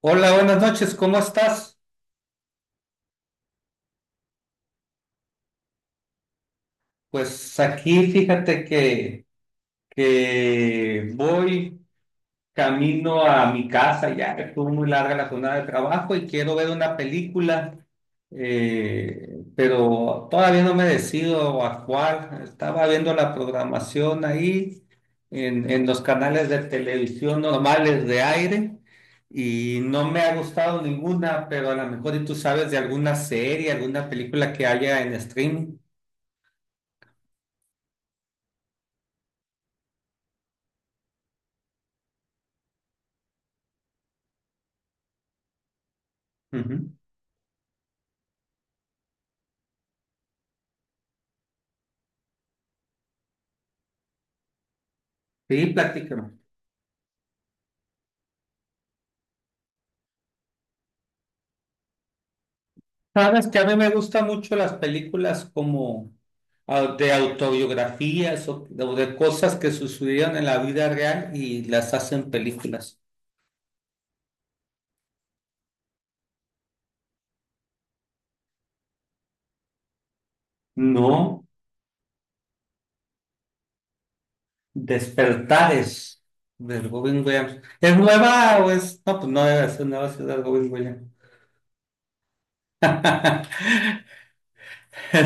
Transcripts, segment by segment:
Hola, buenas noches, ¿cómo estás? Pues aquí fíjate que voy camino a mi casa, ya que estuvo muy larga la jornada de trabajo y quiero ver una película, pero todavía no me decido a cuál. Estaba viendo la programación ahí en los canales de televisión normales de aire y no me ha gustado ninguna, pero a lo mejor y tú sabes de alguna serie, alguna película que haya en streaming. Ujú. Sí, platícame. Sabes que a mí me gustan mucho las películas como de autobiografías o de cosas que sucedieron en la vida real y las hacen películas. No, Despertares del Robin Williams. ¿Es nueva o es? No, pues no debe ser nueva, si es del Robin Williams.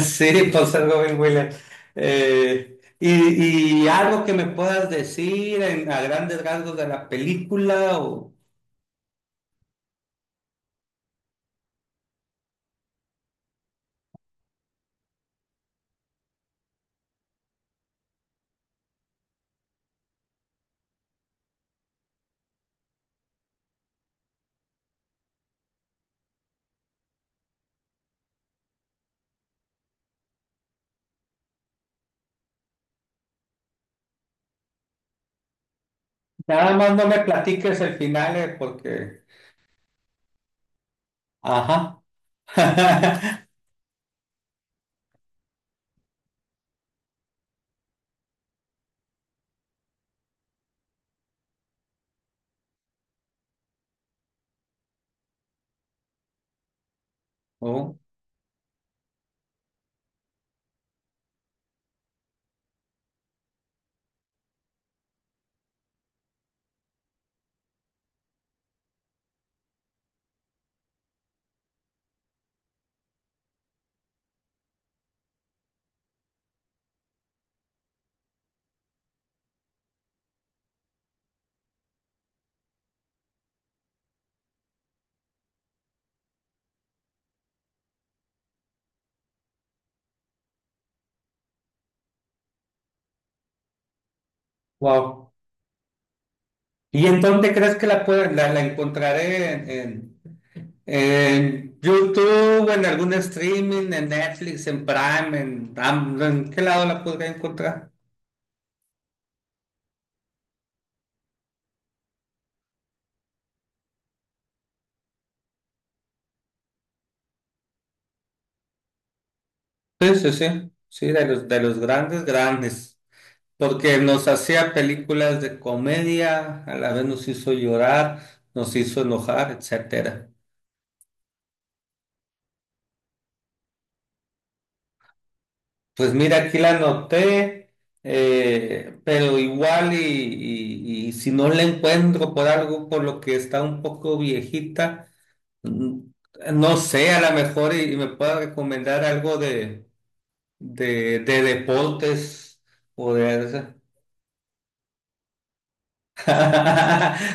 Sí, pues el Robin Williams. Y algo que me puedas decir en- a grandes rasgos de la película o... Nada más no me platiques el final, porque... Ajá. Oh, wow. ¿Y en dónde crees que la, puede- la encontraré? ¿ En YouTube, en algún streaming, en Netflix, en Prime, en, Am- ¿en qué lado la podría encontrar? Sí, sí, sí. Sí, de los grandes, grandes. Porque nos hacía películas de comedia, a la vez nos hizo llorar, nos hizo enojar, etcétera. Pues mira, aquí la anoté, pero igual y si no la encuentro por algo por lo que está un poco viejita, mm, no sé, a lo mejor y me pueda recomendar algo de deportes o de...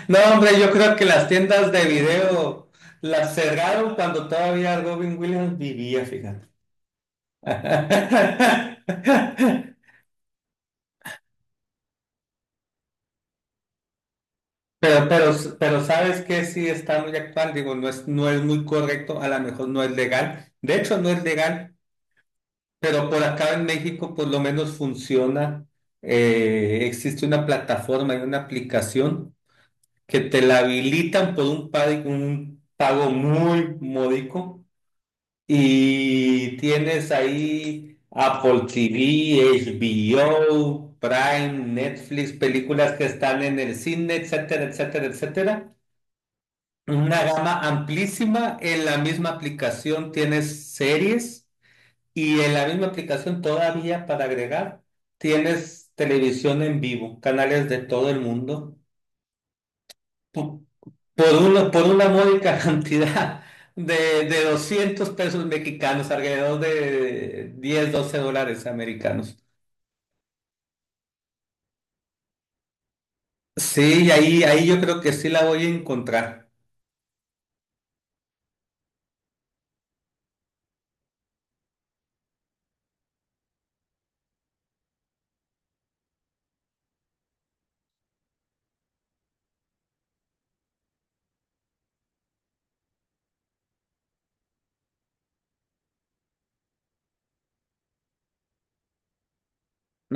No, hombre, yo creo que las tiendas de video las cerraron cuando todavía Robin Williams vivía, fíjate. Pero, pero, pero sabes que sí está muy actual, digo, no es muy correcto, a lo mejor no es legal, de hecho no es legal, pero por acá en México por lo menos funciona, existe una plataforma y una aplicación que te la habilitan por un pago muy módico y tienes ahí Apple TV, HBO, Prime, Netflix, películas que están en el cine, etcétera, etcétera, etcétera una gama amplísima. En la misma aplicación tienes series y en la misma aplicación todavía para agregar tienes televisión en vivo, canales de todo el mundo. Po- por una módica cantidad de 200 pesos mexicanos, alrededor de 10 12 dólares americanos. Sí, ahí yo creo que sí la voy a encontrar.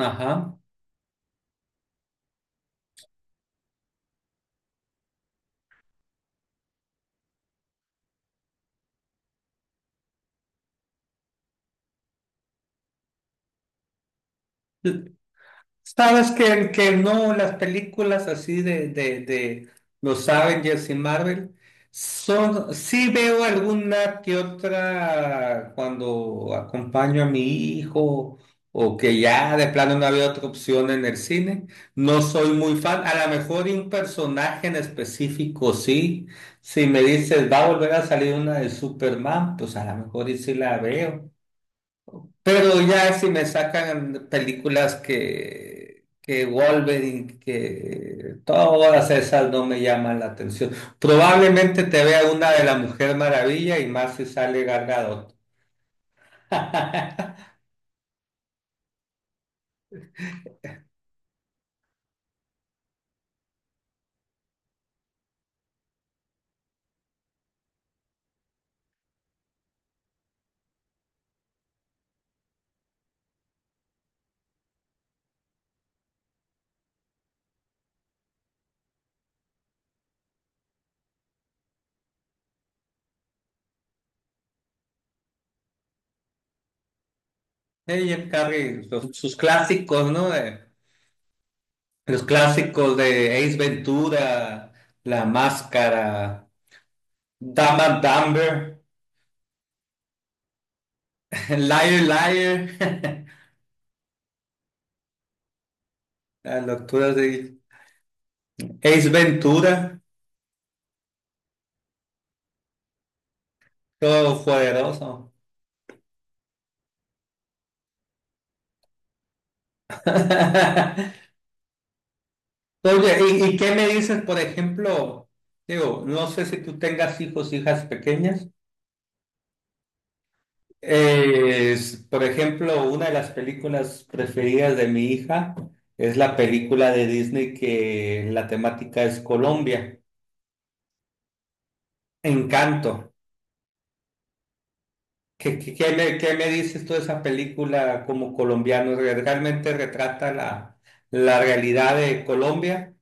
Ajá. Sabes que no, las películas así de los Avengers y Marvel son, sí veo alguna que otra cuando acompaño a mi hijo o que ya de plano no había otra opción en el cine. No soy muy fan, a lo mejor de un personaje en específico, sí. Si me dices, va a volver a salir una de Superman, pues a lo mejor y sí la veo. Pero ya si me sacan películas que Wolverine, que todas esas no me llaman la atención. Probablemente te vea una de la Mujer Maravilla y más si sale Gal Gadot. Jim Carrey, los- sus clásicos, ¿no? De- los clásicos de Ace Ventura, La Máscara, Dumb and Dumber, Liar Liar, las locuras de Ace Ventura, todo poderoso. Oye, ¿y qué me dices, por ejemplo? Digo, no sé si tú tengas hijos, hijas pequeñas. Por ejemplo, una de las películas preferidas de mi hija es la película de Disney que la temática es Colombia, Encanto. ¿ Qué me dices tú de esa película como colombiano? ¿Realmente retrata la realidad de Colombia?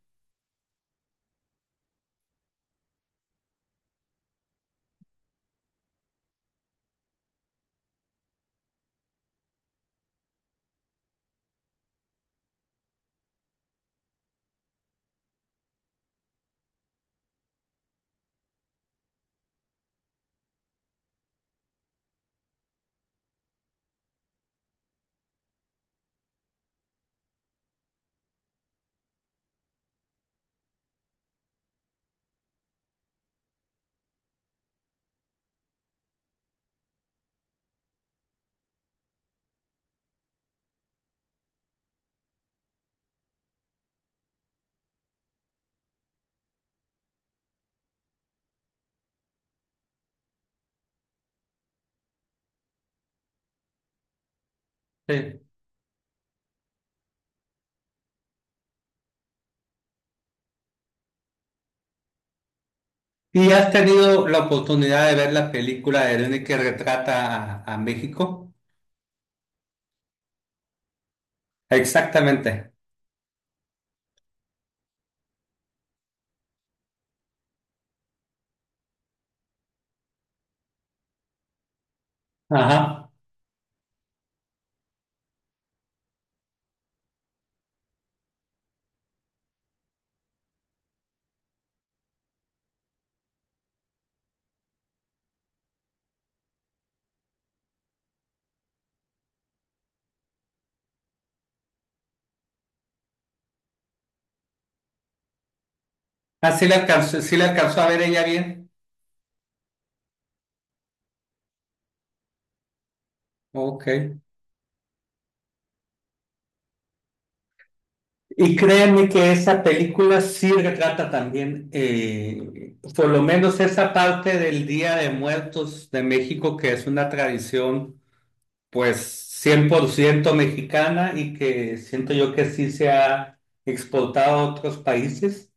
Sí. ¿Y has tenido la oportunidad de ver la película de Dune que retrata a México? Exactamente. Ajá. Ah, sí la alcanzó a ver ella bien. Ok. Y créanme que esa película sí retrata también, por lo menos esa parte del Día de Muertos de México, que es una tradición, pues 100% mexicana y que siento yo que sí se ha exportado a otros países.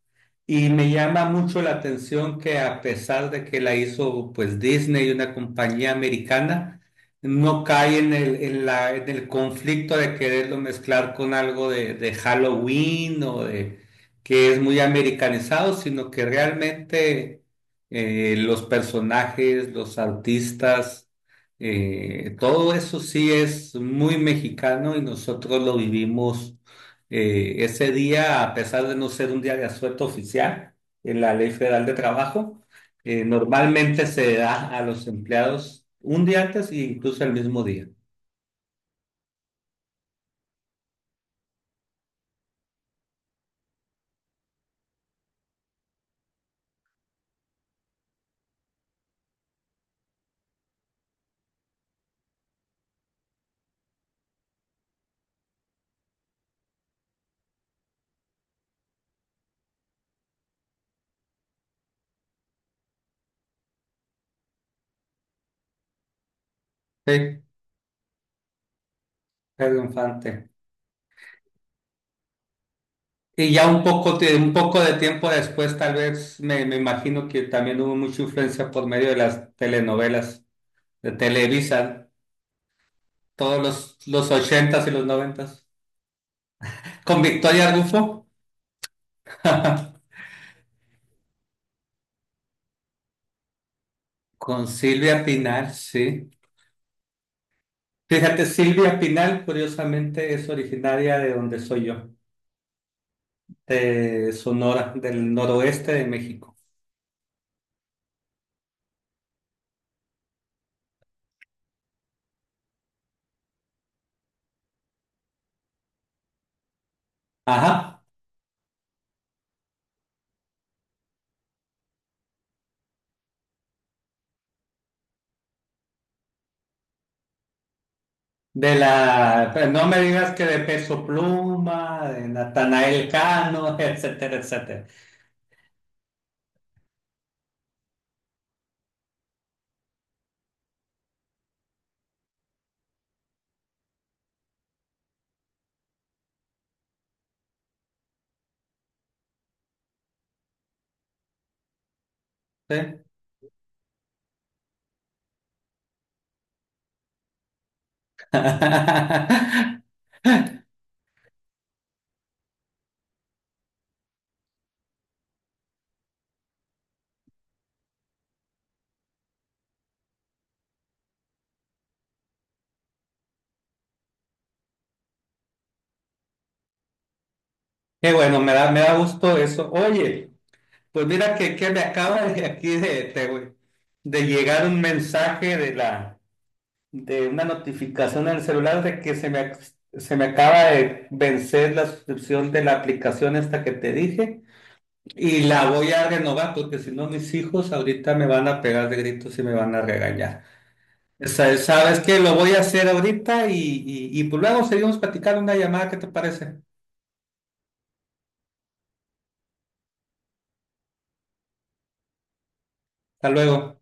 Y me llama mucho la atención que a pesar de que la hizo pues Disney, una compañía americana, no cae en el conflicto de quererlo mezclar con algo de Halloween o de que es muy americanizado, sino que realmente los personajes, los artistas, todo eso sí es muy mexicano y nosotros lo vivimos ese día, a pesar de no ser un día de asueto oficial en la Ley Federal de Trabajo, normalmente se da a los empleados un día antes e incluso el mismo día. Sí, Pedro Infante. Y ya un poco de tiempo después, tal vez me imagino que también hubo mucha influencia por medio de las telenovelas de Televisa, todos los 80s y los 90s. Con Victoria Rufo, con Silvia Pinal, sí. Fíjate, Silvia Pinal, curiosamente, es originaria de donde soy yo, de Sonora, del noroeste de México. Ajá, de la, pero no me digas que de Peso Pluma, de Natanael Cano, etcétera, etcétera. Sí. Qué bueno, me da gusto eso. Oye, pues mira que me acaba de aquí de llegar un mensaje de la de una notificación en el celular de que se me, ac- se me acaba de vencer la suscripción de la aplicación esta que te dije y la voy a renovar porque si no mis hijos ahorita me van a pegar de gritos y me van a regañar. O sea, sabes que lo voy a hacer ahorita y pues luego seguimos platicando una llamada, ¿qué te parece? Hasta luego.